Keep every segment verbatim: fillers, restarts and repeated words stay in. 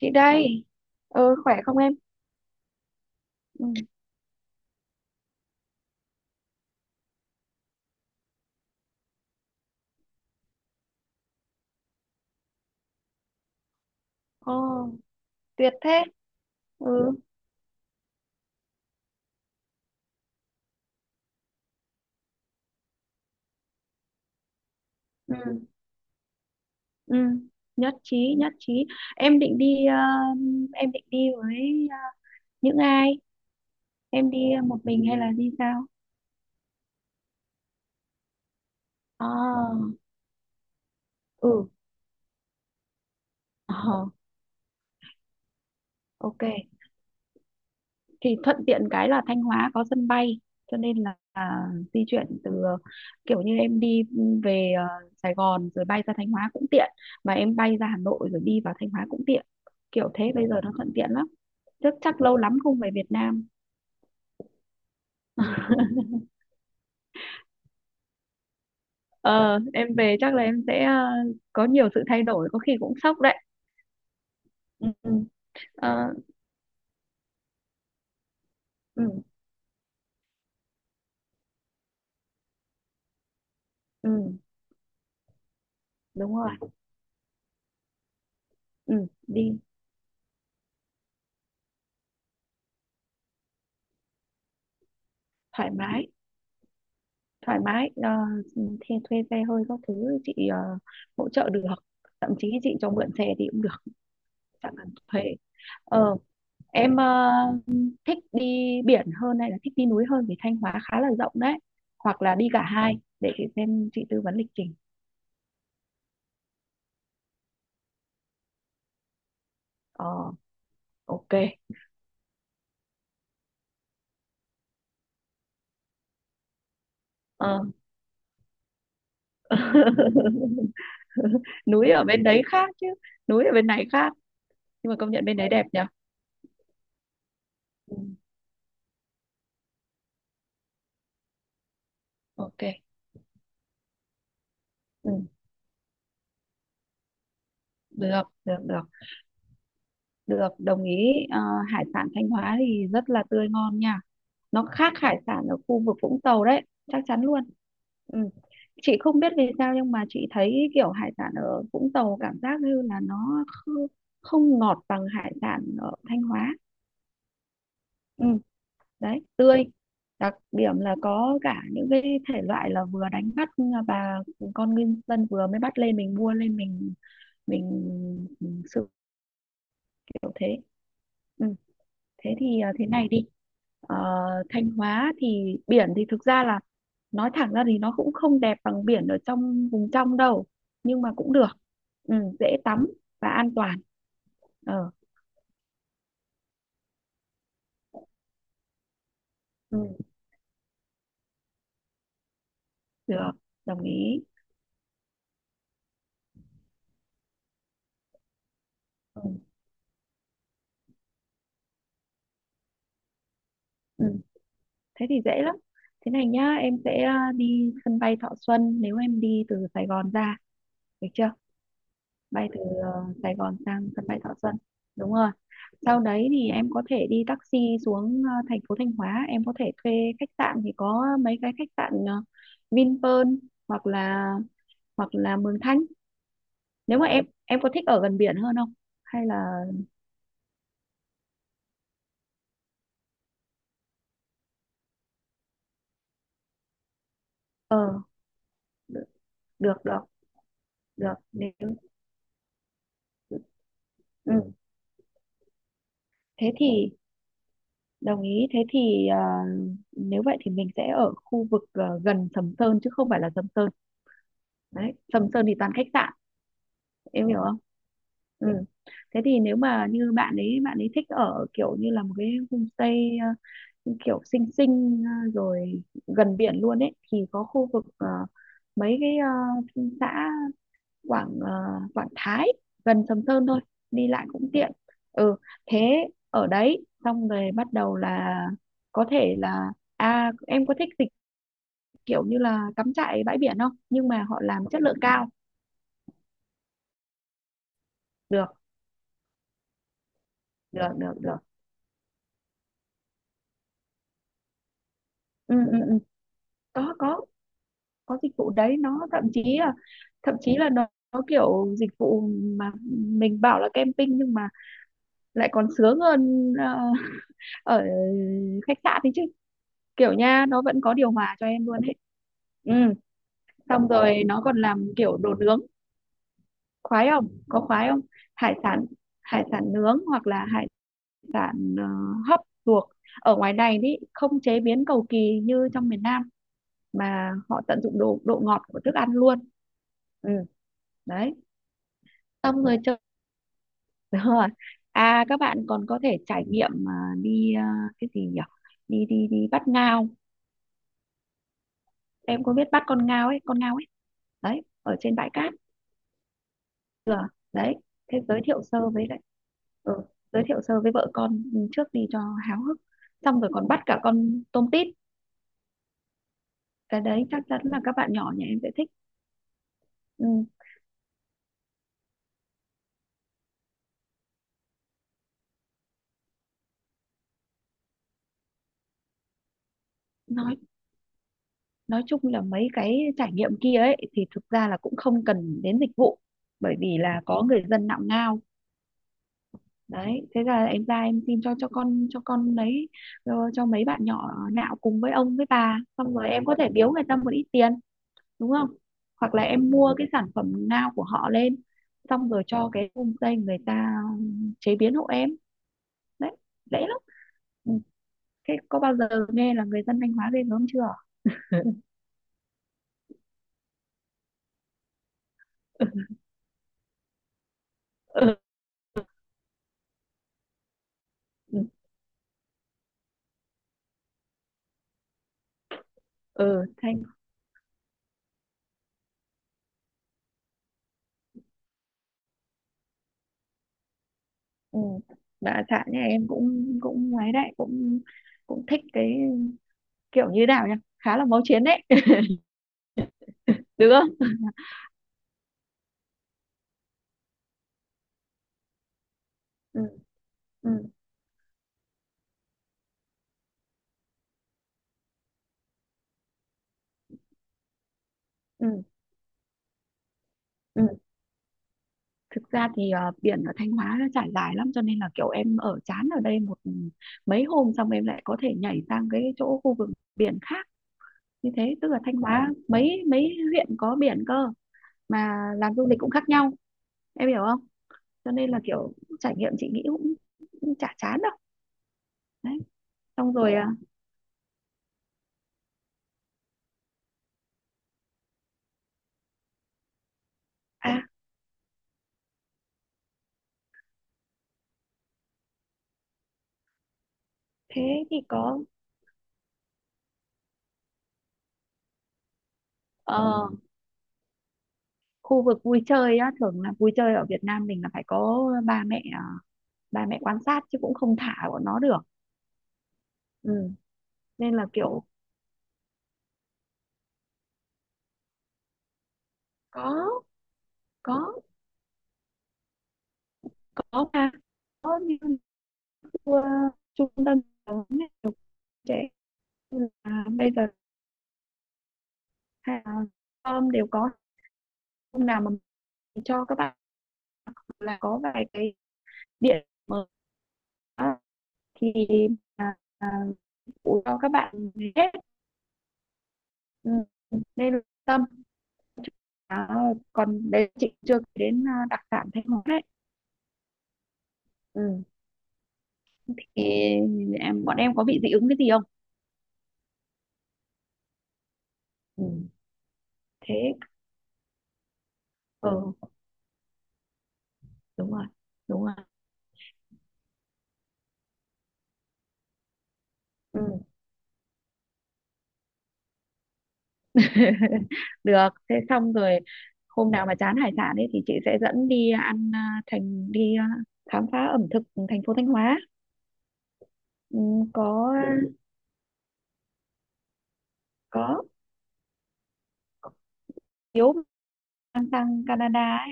Chị đây. Ừ, khỏe không em? Ừ. Ồ, tuyệt thế. Ừ. Ừ. Ừ. Nhất trí, nhất trí. Em định đi ờ, em định đi với ờ, những ai? Em đi một mình hay là đi sao? À, ừ. Ờ, ok. Thì thuận tiện cái là Thanh Hóa có sân bay, cho nên là là di chuyển từ ờ, kiểu như em đi về ờ, Sài Gòn rồi bay ra Thanh Hóa cũng tiện, mà em bay ra Hà Nội rồi đi vào Thanh Hóa cũng tiện, kiểu thế, bây giờ nó thuận tiện lắm. Chắc chắc lâu lắm không về Việt Nam. Ờ, em về chắc là em sẽ ờ, có nhiều sự thay đổi, có khi cũng sốc đấy. Ừ, ừ. Ờ, ừ, ừ, đúng rồi. Ừ, đi thoải mái, thoải mái. Ờ, ừ, thuê, thuê xe hơi các thứ chị ờ, hỗ trợ được. Thậm chí chị cho mượn xe thì cũng được, chẳng cần thuê. Ờ, em ờ, thích đi biển hơn hay là thích đi núi hơn, vì Thanh Hóa khá là rộng đấy. Hoặc là đi cả hai để chị xem chị tư vấn lịch trình. Ờ, ok. Ờ, núi ở bên đấy khác chứ, núi ở bên này khác, nhưng mà công nhận bên đấy đẹp nhỉ. Ừ. Ok. Ừ. Được, được, được. Được, đồng ý. Ờ, hải sản Thanh Hóa thì rất là tươi ngon nha, nó khác hải sản ở khu vực Vũng Tàu đấy, chắc chắn luôn. Ừ. Chị không biết vì sao, nhưng mà chị thấy kiểu hải sản ở Vũng Tàu cảm giác như là nó kh- không ngọt bằng hải sản ở Thanh Hóa. Ừ. Đấy, tươi, đặc điểm là có cả những cái thể loại là vừa đánh bắt, và con ngư dân vừa mới bắt lên mình mua lên mình mình sự kiểu thế. Ừ. Thế thì à, thế này đi. Ờ, Thanh Hóa thì biển thì thực ra là, nói thẳng ra thì nó cũng không đẹp bằng biển ở trong vùng trong đâu, nhưng mà cũng được. Ừ, dễ tắm và an toàn. Ờ, ừ, được, đồng ý. Ừ. Ừ. Thế thì dễ lắm. Thế này nhá, em sẽ à, đi sân bay Thọ Xuân nếu em đi từ Sài Gòn ra, được chưa. Bay từ ờ, Sài Gòn sang sân bay Thọ Xuân, đúng rồi. Sau đấy thì em có thể đi taxi xuống ờ, thành phố Thanh Hóa. Em có thể thuê khách sạn, thì có mấy cái khách sạn ờ, Vinpearl, hoặc là hoặc là Mường Thanh. Nếu mà em em có thích ở gần biển hơn không, hay là ờ. Được, được, được, nếu. Ừ. Thế thì, đồng ý. Thế thì ờ, nếu vậy thì mình sẽ ở khu vực ờ, gần Sầm Sơn chứ không phải là Sầm Sơn. Đấy, Sầm Sơn thì toàn khách sạn, em hiểu không? Ừ. Thế thì nếu mà như bạn ấy, bạn ấy thích ở kiểu như là một cái homestay ờ, kiểu xinh xinh ờ, rồi gần biển luôn ấy, thì có khu vực ờ, mấy cái ờ, xã Quảng ờ, Quảng Thái, gần Sầm Sơn thôi, đi lại cũng tiện. Ừ. Thế, ở đấy xong rồi bắt đầu là có thể là à, em có thích dịch, kiểu như là cắm trại bãi biển không, nhưng mà họ làm chất lượng cao. Được được được được. Ừ, ừ, ừ. Có, có có dịch vụ đấy, nó thậm chí là, thậm chí là nó, nó kiểu dịch vụ mà mình bảo là camping nhưng mà lại còn sướng hơn ờ, ở khách sạn thì chứ, kiểu nha, nó vẫn có điều hòa cho em luôn ấy. Ừ. Xong rồi nó còn làm kiểu đồ nướng, khoái không, có khoái không. Hải sản, hải sản nướng hoặc là hải sản ờ, hấp luộc, ở ngoài này thì không chế biến cầu kỳ như trong miền Nam, mà họ tận dụng độ độ ngọt của thức ăn luôn. Ừ, đấy. Xong rồi chơi rồi, à các bạn còn có thể trải nghiệm mà, đi ờ, cái gì nhỉ, đi đi đi bắt ngao, em có biết bắt con ngao ấy, con ngao ấy, đấy, ở trên bãi cát đấy. Thế giới thiệu sơ với lại ừ, giới thiệu sơ với vợ con trước đi cho háo hức. Xong rồi còn bắt cả con tôm tít, cái đấy chắc chắn là các bạn nhỏ nhà em sẽ thích. Ừ, nói nói chung là mấy cái trải nghiệm kia ấy thì thực ra là cũng không cần đến dịch vụ, bởi vì là có người dân nạo ngao đấy, thế là em ra em xin cho cho con cho con lấy cho, cho mấy bạn nhỏ nạo cùng với ông với bà, xong rồi em có thể biếu người ta một ít tiền, đúng không. Hoặc là em mua cái sản phẩm nào của họ lên, xong rồi cho cái homestay người ta chế biến hộ em đấy, dễ lắm. Ừ. Thế có bao giờ nghe là người dân Thanh Hóa ghê gớm chưa. Ừ, ừ, ừ, Thanh. Ừ. Bà xã nhà em cũng cũng ấy đấy, cũng cũng thích cái kiểu như nào nhỉ, khá là máu chiến đấy. Được không. Ừ. Ừ. Ừ. Ừ. Thực ra thì ờ, biển ở Thanh Hóa nó trải dài lắm, cho nên là kiểu em ở chán ở đây một ừ, mấy hôm xong em lại có thể nhảy sang cái chỗ khu vực biển khác, như thế tức là Thanh Hóa mấy mấy huyện có biển cơ, mà làm du lịch cũng khác nhau, em hiểu không. Cho nên là kiểu trải nghiệm chị nghĩ cũng, cũng chả chán đâu đấy. Xong rồi à, à thế thì có ờ, khu vực vui chơi á, thường là vui chơi ở Việt Nam mình là phải có ba mẹ à, ba mẹ quan sát chứ cũng không thả bọn nó được. Ừ. Nên là kiểu có, có có mà, có như uh, trung tâm giáo dục trẻ là bây giờ hay là đều có. Hôm nào mà mình cho các bạn là có vài cái điện mở thì à, à, cho các bạn hết. Ừ, nên tâm à, còn đấy chị chưa đến à, đặc sản Thanh Hóa đấy. Ừ. Thì em bọn em có bị dị ứng cái gì không. Ừ, thế, ừ, đúng rồi, đúng rồi. Ừ. Được, thế xong rồi hôm nào mà chán hải sản ấy thì chị sẽ dẫn đi ăn à, thành đi à, khám phá ẩm thực thành phố Thanh Hóa. Ừ, có có thiếu, mang sang Canada ấy.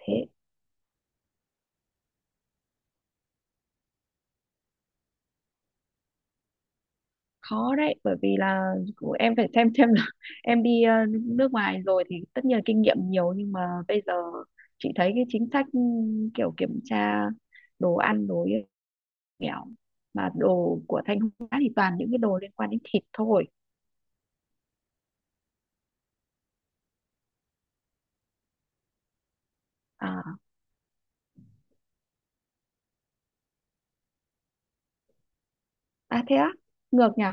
Thế khó đấy, bởi vì là em phải xem xem là em đi à, nước ngoài rồi thì tất nhiên là kinh nghiệm nhiều, nhưng mà bây giờ chị thấy cái chính sách ừ, kiểu kiểm tra đồ ăn đồ nghèo, mà đồ của Thanh Hóa thì toàn những cái đồ liên quan đến thịt thôi. À. À thế á, ngược nhỉ?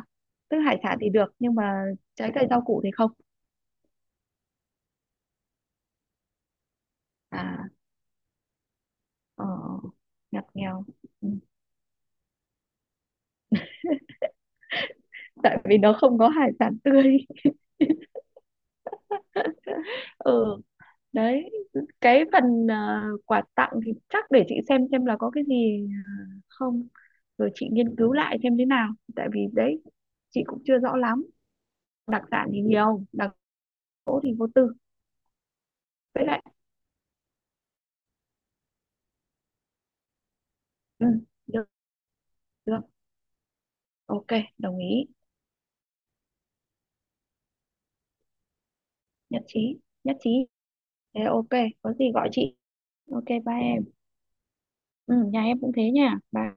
Tức hải sản thì được nhưng mà trái cây rau củ thì không. À, ờ, ngặt nghèo. Ừ. Tại vì nó không có hải sản tươi. Ừ, đấy. Cái phần ờ, quà tặng thì chắc để chị xem xem là có cái gì không. Rồi chị nghiên cứu lại xem thế nào. Tại vì đấy, chị cũng chưa rõ lắm. Đặc sản thì nhiều, đặc cỗ thì vô tư. Với lại, ừ, được, được. Ok, đồng ý. Nhất trí, nhất trí. Thế ok, có gì gọi chị. Ok ba em, ừ nhà em cũng thế nha ba.